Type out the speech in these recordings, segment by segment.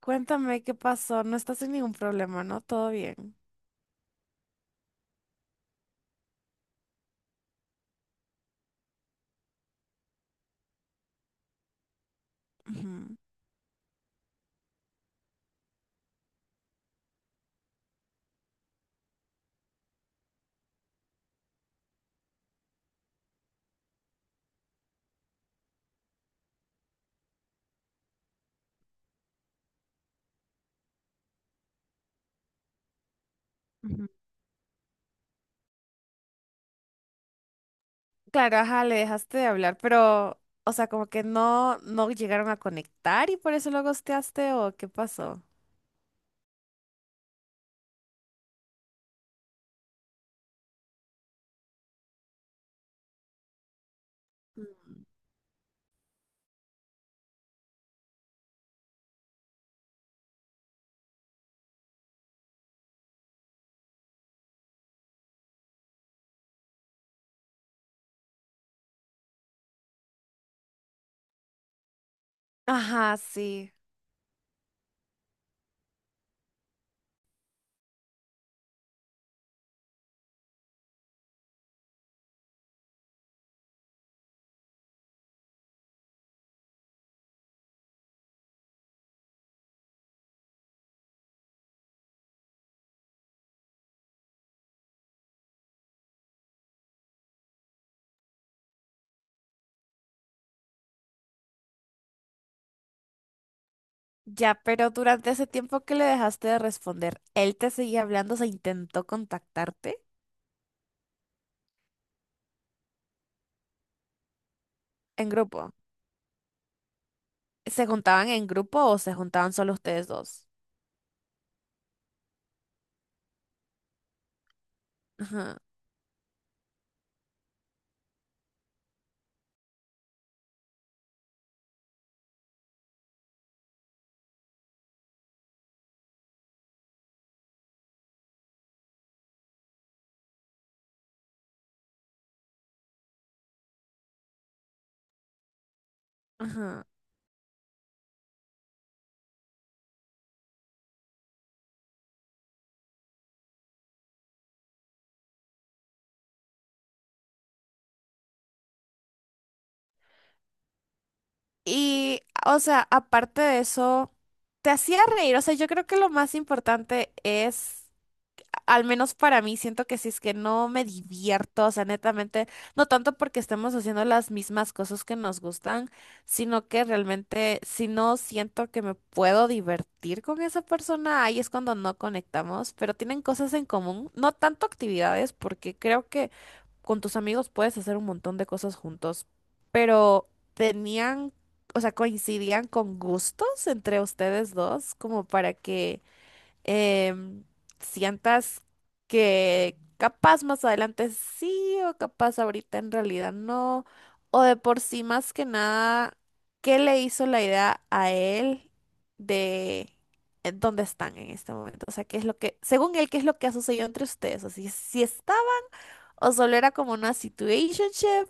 Cuéntame qué pasó. No estás en ningún problema, ¿no? Todo bien. Ujú, ujú. Claro, ajá, le dejaste de hablar, pero, o sea, como que no, no llegaron a conectar y por eso lo ghosteaste o qué pasó. Mm. Ajá, sí. Ya, pero durante ese tiempo que le dejaste de responder, ¿él te seguía hablando? ¿Se intentó contactarte en grupo? ¿Se juntaban en grupo o se juntaban solo ustedes dos? Ajá, ajá. Y, o sea, aparte de eso, te hacía reír. O sea, yo creo que lo más importante es, al menos para mí, siento que si es que no me divierto, o sea, netamente, no tanto porque estemos haciendo las mismas cosas que nos gustan, sino que realmente si no siento que me puedo divertir con esa persona, ahí es cuando no conectamos, pero tienen cosas en común, no tanto actividades, porque creo que con tus amigos puedes hacer un montón de cosas juntos, pero tenían, o sea, coincidían con gustos entre ustedes dos, como para que em, sientas que capaz más adelante sí o capaz ahorita en realidad no, o de por sí más que nada, ¿qué le hizo la idea a él de... en ¿Dónde están en este momento? O sea, ¿qué es lo que, según él, qué es lo que ha sucedido entre ustedes? Así, si está o solo era como una situationship.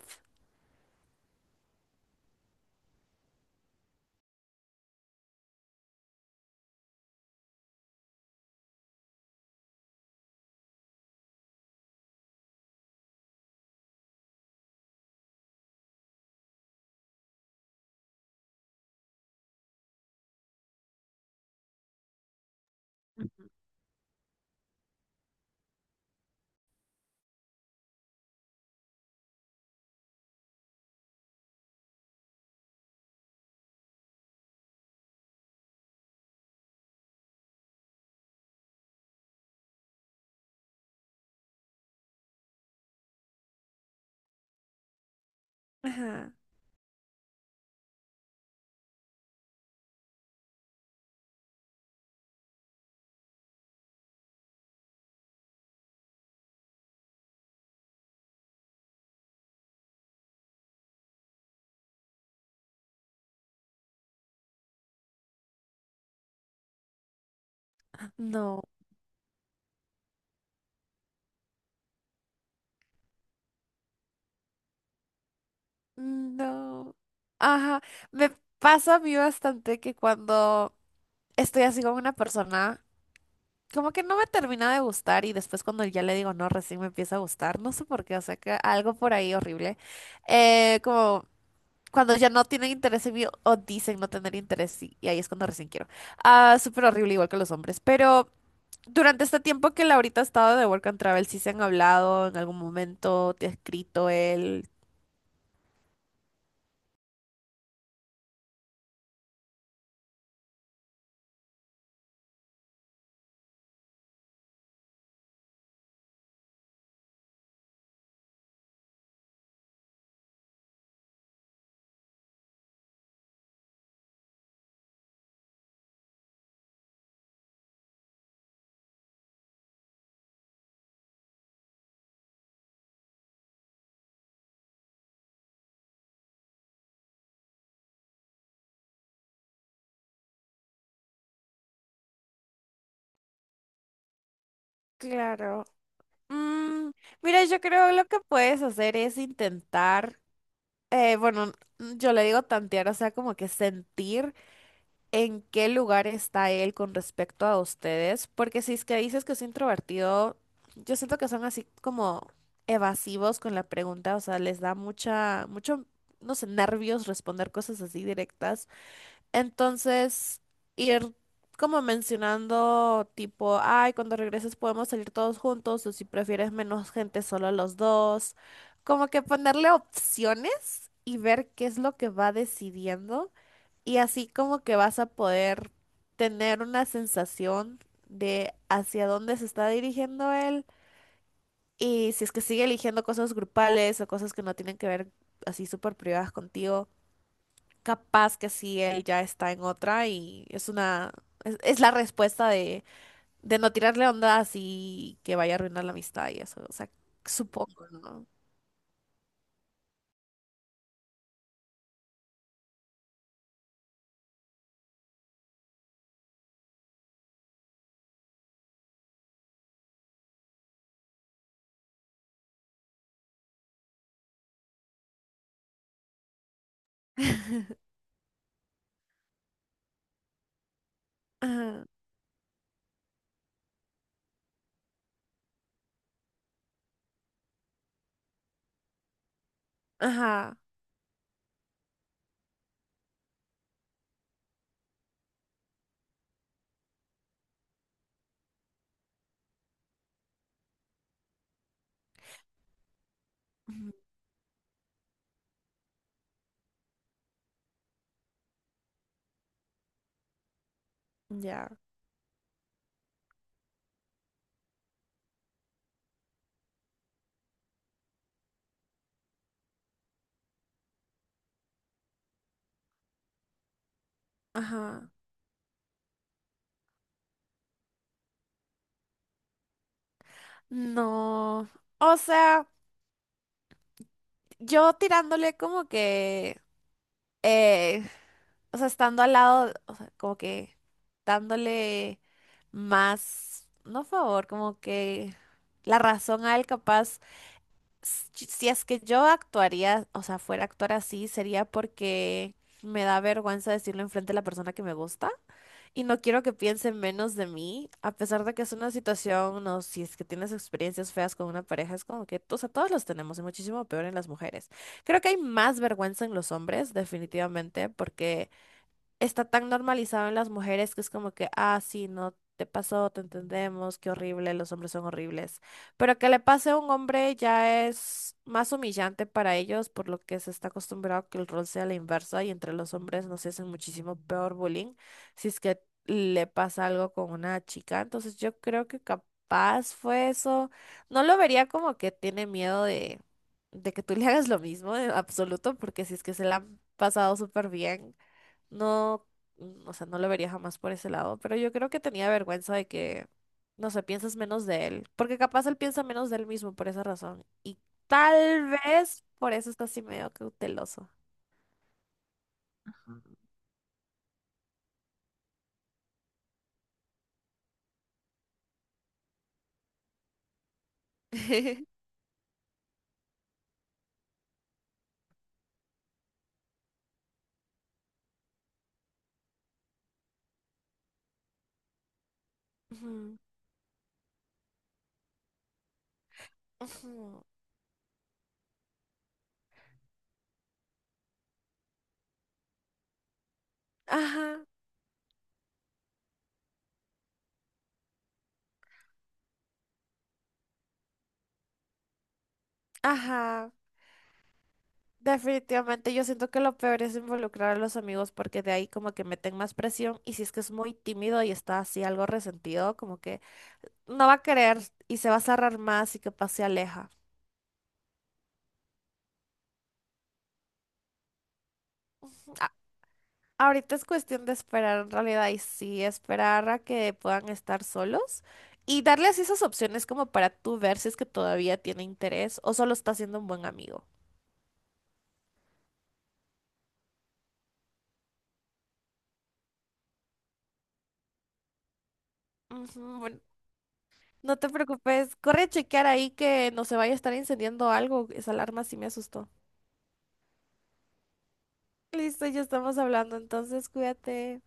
Ajá. No, no. Ajá. Me pasa a mí bastante que cuando estoy así con una persona, como que no me termina de gustar y después cuando ya le digo no, recién me empieza a gustar. No sé por qué, o sea que algo por ahí horrible. Como cuando ya no tienen interés en mí o dicen no tener interés y ahí es cuando recién quiero. Ah, súper horrible igual que los hombres. Pero durante este tiempo que Laurita ha estado de Work and Travel, ¿sí se han hablado en algún momento? ¿Te ha escrito él? Claro. Mm, mira, yo creo lo que puedes hacer es intentar, bueno, mm, yo le digo tantear, o sea, como que sentir en qué lugar está él con respecto a ustedes, porque si es que dices que es introvertido, yo siento que son así como evasivos con la pregunta, o sea, les da mucha, mucho, no sé, nervios responder cosas así directas. Entonces, ir como mencionando tipo, ay, cuando regreses podemos salir todos juntos o si prefieres menos gente, solo los dos. Como que ponerle opciones y ver qué es lo que va decidiendo y así como que vas a poder tener una sensación de hacia dónde se está dirigiendo él y si es que sigue eligiendo cosas grupales o cosas que no tienen que ver así súper privadas contigo capaz que sí, él ya está en otra y es una, es la respuesta de no tirarle onda así que vaya a arruinar la amistad y eso, o sea, supongo, ¿no? Ajá, ajá, ujú, ya, ajá, no, o sea, yo tirándole como que, eh, o sea, estando al lado, o sea, como que dándole más, no favor, como que la razón a él capaz. Si es que yo actuaría, o sea, fuera a actuar así, sería porque me da vergüenza decirlo enfrente de la persona que me gusta y no quiero que piense menos de mí, a pesar de que es una situación, no, si es que tienes experiencias feas con una pareja, es como que, o sea, todos los tenemos y muchísimo peor en las mujeres. Creo que hay más vergüenza en los hombres, definitivamente, porque está tan normalizado en las mujeres que es como que, ah, sí, no te pasó, te entendemos, qué horrible, los hombres son horribles. Pero que le pase a un hombre ya es más humillante para ellos, por lo que se está acostumbrado que el rol sea la inversa y entre los hombres nos hacen muchísimo peor bullying si es que le pasa algo con una chica. Entonces yo creo que capaz fue eso. No lo vería como que tiene miedo de que tú le hagas lo mismo, en absoluto, porque si es que se la han pasado súper bien. No, mm, o sea, no lo vería jamás por ese lado, pero yo creo que tenía vergüenza de que, no sé, piensas menos de él, porque capaz él piensa menos de él mismo por esa razón, y tal vez por eso está así medio cauteloso. Ujú, ujú. Ajá, ajá. Definitivamente yo siento que lo peor es involucrar a los amigos porque de ahí como que meten más presión y si es que es muy tímido y está así algo resentido, como que no va a querer y se va a cerrar más y capaz se aleja. Ahorita es cuestión de esperar en realidad y sí, esperar a que puedan estar solos y darles esas opciones como para tú ver si es que todavía tiene interés o solo está siendo un buen amigo. Ujú, bueno, no te preocupes, corre a chequear ahí que no se vaya a estar incendiando algo, esa alarma sí me asustó. Listo, ya estamos hablando, entonces cuídate.